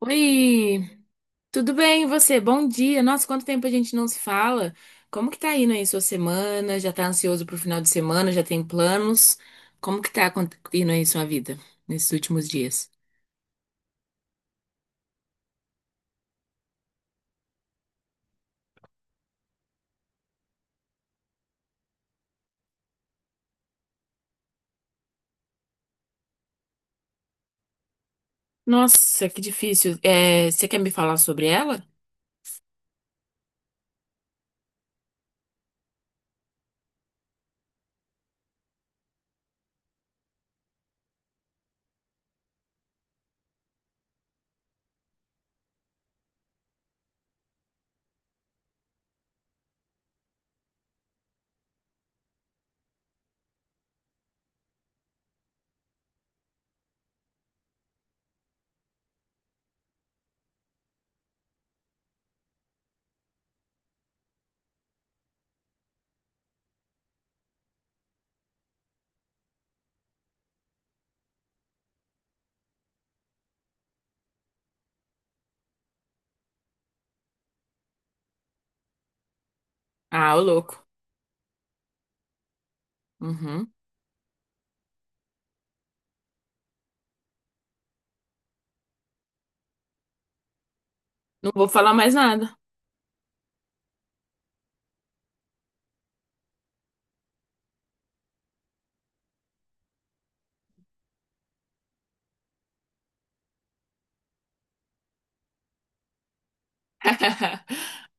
Oi, tudo bem e você? Bom dia. Nossa, quanto tempo a gente não se fala? Como que tá indo aí sua semana? Já tá ansioso pro final de semana? Já tem planos? Como que tá indo aí sua vida nesses últimos dias? Nossa, que difícil. É, você quer me falar sobre ela? Ah, ô louco. Uhum. Não vou falar mais nada.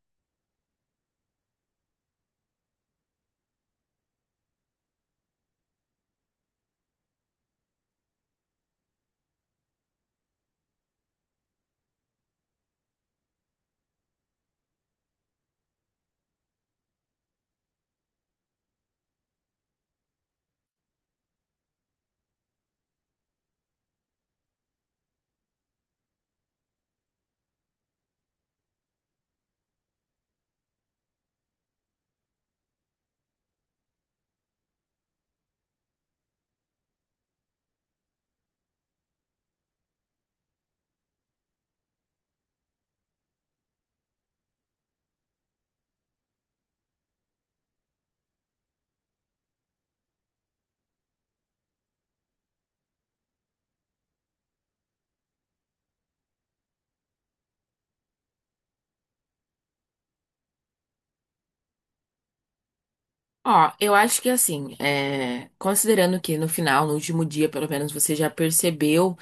Ó, eu acho que assim, é, considerando que no final, no último dia, pelo menos você já percebeu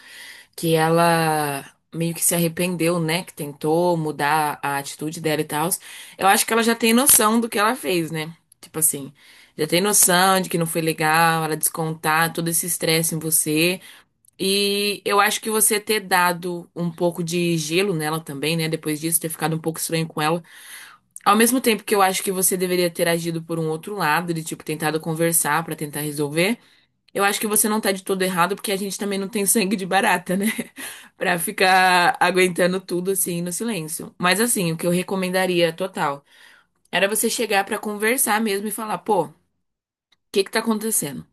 que ela meio que se arrependeu, né? Que tentou mudar a atitude dela e tal. Eu acho que ela já tem noção do que ela fez, né? Tipo assim, já tem noção de que não foi legal, ela descontar todo esse estresse em você. E eu acho que você ter dado um pouco de gelo nela também, né? Depois disso, ter ficado um pouco estranho com ela. Ao mesmo tempo que eu acho que você deveria ter agido por um outro lado, de tipo, tentado conversar pra tentar resolver. Eu acho que você não tá de todo errado, porque a gente também não tem sangue de barata, né? Pra ficar aguentando tudo assim no silêncio. Mas assim, o que eu recomendaria total era você chegar pra conversar mesmo e falar, pô, o que que tá acontecendo?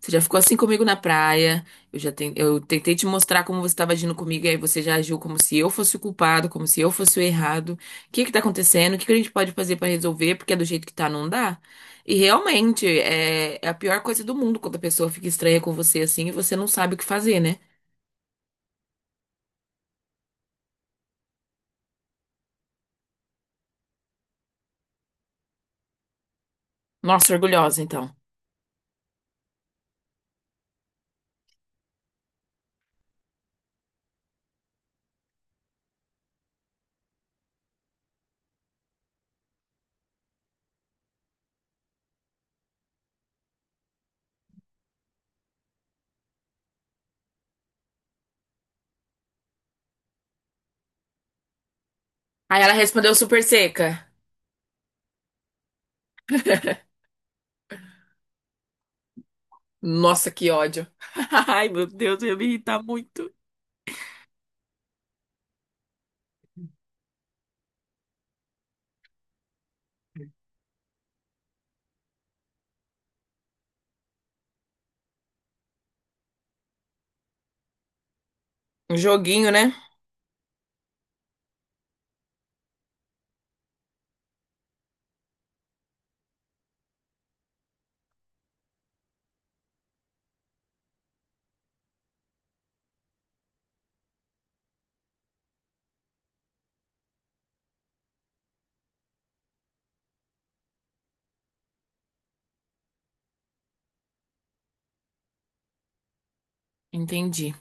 Você já ficou assim comigo na praia. Eu tentei te mostrar como você estava agindo comigo, e aí você já agiu como se eu fosse o culpado, como se eu fosse o errado. O que que tá acontecendo? O que que a gente pode fazer pra resolver? Porque do jeito que tá, não dá. E realmente é, é a pior coisa do mundo quando a pessoa fica estranha com você assim e você não sabe o que fazer, né? Nossa, orgulhosa, então. Aí ela respondeu super seca. Nossa, que ódio. Ai, meu Deus, eu ia me irritar muito. Um joguinho, né? Entendi.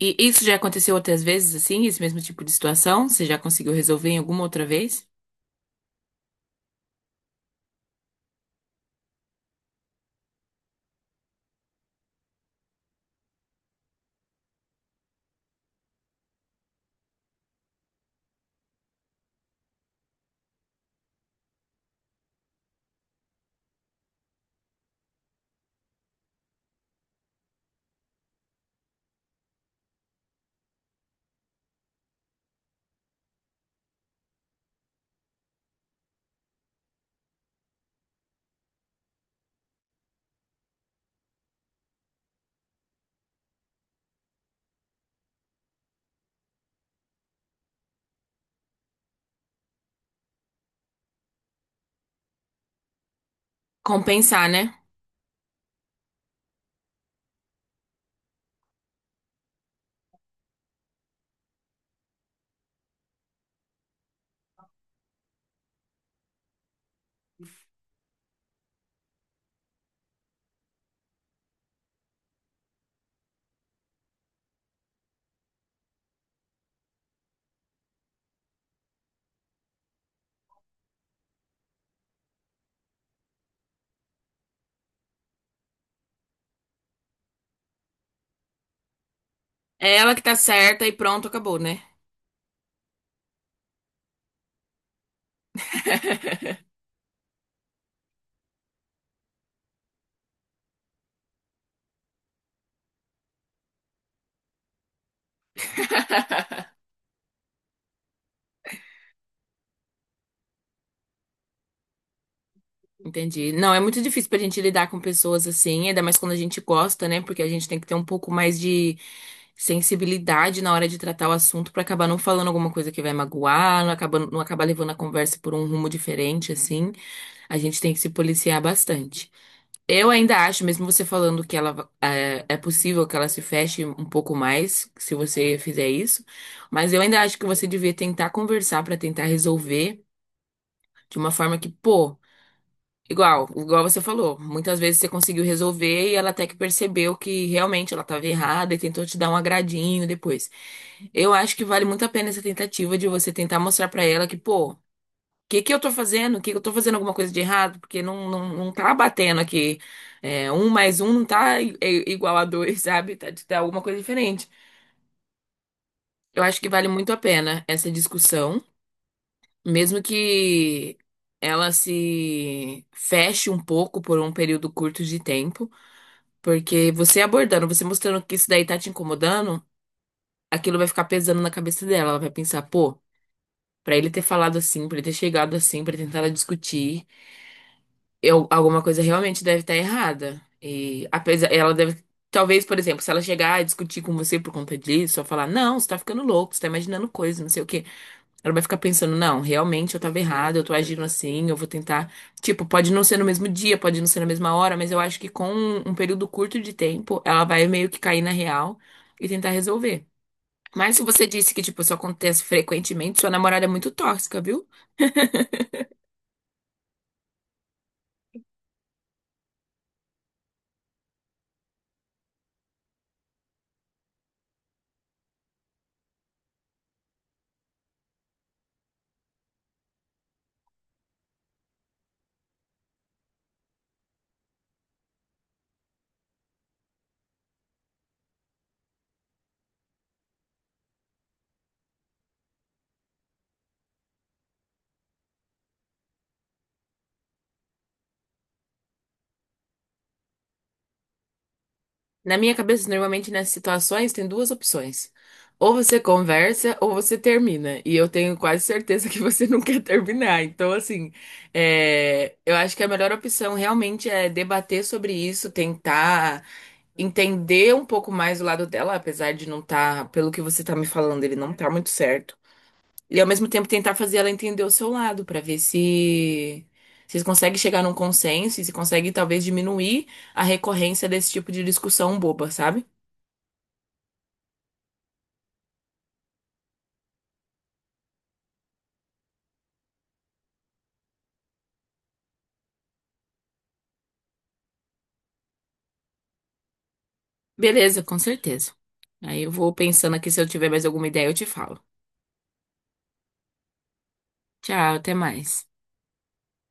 E isso já aconteceu outras vezes, assim, esse mesmo tipo de situação? Você já conseguiu resolver em alguma outra vez? Compensar, né? É ela que tá certa e pronto, acabou, né? Entendi. Não, é muito difícil pra gente lidar com pessoas assim, ainda mais quando a gente gosta, né? Porque a gente tem que ter um pouco mais de sensibilidade na hora de tratar o assunto pra acabar não falando alguma coisa que vai magoar, não acabar, não acabar levando a conversa por um rumo diferente, assim. A gente tem que se policiar bastante. Eu ainda acho, mesmo você falando que ela é, é possível que ela se feche um pouco mais se você fizer isso, mas eu ainda acho que você devia tentar conversar pra tentar resolver de uma forma que, pô, igual você falou, muitas vezes você conseguiu resolver e ela até que percebeu que realmente ela estava errada e tentou te dar um agradinho depois. Eu acho que vale muito a pena essa tentativa de você tentar mostrar pra ela que, pô, que eu tô fazendo? Que eu tô fazendo alguma coisa de errado? Porque não, não, não tá batendo aqui. É, um mais um não tá igual a dois, sabe? Tá, tá alguma coisa diferente. Eu acho que vale muito a pena essa discussão, mesmo que ela se feche um pouco por um período curto de tempo, porque você abordando, você mostrando que isso daí tá te incomodando, aquilo vai ficar pesando na cabeça dela. Ela vai pensar, pô, pra ele ter falado assim, pra ele ter chegado assim, pra ele tentar discutir. Eu, alguma coisa realmente deve estar errada. E apesar, ela deve, talvez, por exemplo, se ela chegar a discutir com você por conta disso, ou falar, não, você tá ficando louco, você tá imaginando coisas, não sei o quê. Ela vai ficar pensando, não, realmente eu tava errada, eu tô agindo assim, eu vou tentar. Tipo, pode não ser no mesmo dia, pode não ser na mesma hora, mas eu acho que com um período curto de tempo, ela vai meio que cair na real e tentar resolver. Mas se você disse que, tipo, isso acontece frequentemente, sua namorada é muito tóxica, viu? Na minha cabeça, normalmente nessas situações tem duas opções. Ou você conversa ou você termina. E eu tenho quase certeza que você não quer terminar. Então, assim, é, eu acho que a melhor opção realmente é debater sobre isso, tentar entender um pouco mais o lado dela, apesar de não estar, pelo que você tá me falando, ele não tá muito certo. E ao mesmo tempo tentar fazer ela entender o seu lado, pra ver se vocês conseguem chegar num consenso e se consegue talvez diminuir a recorrência desse tipo de discussão boba, sabe? Beleza, com certeza. Aí eu vou pensando aqui, se eu tiver mais alguma ideia, eu te falo. Tchau, até mais.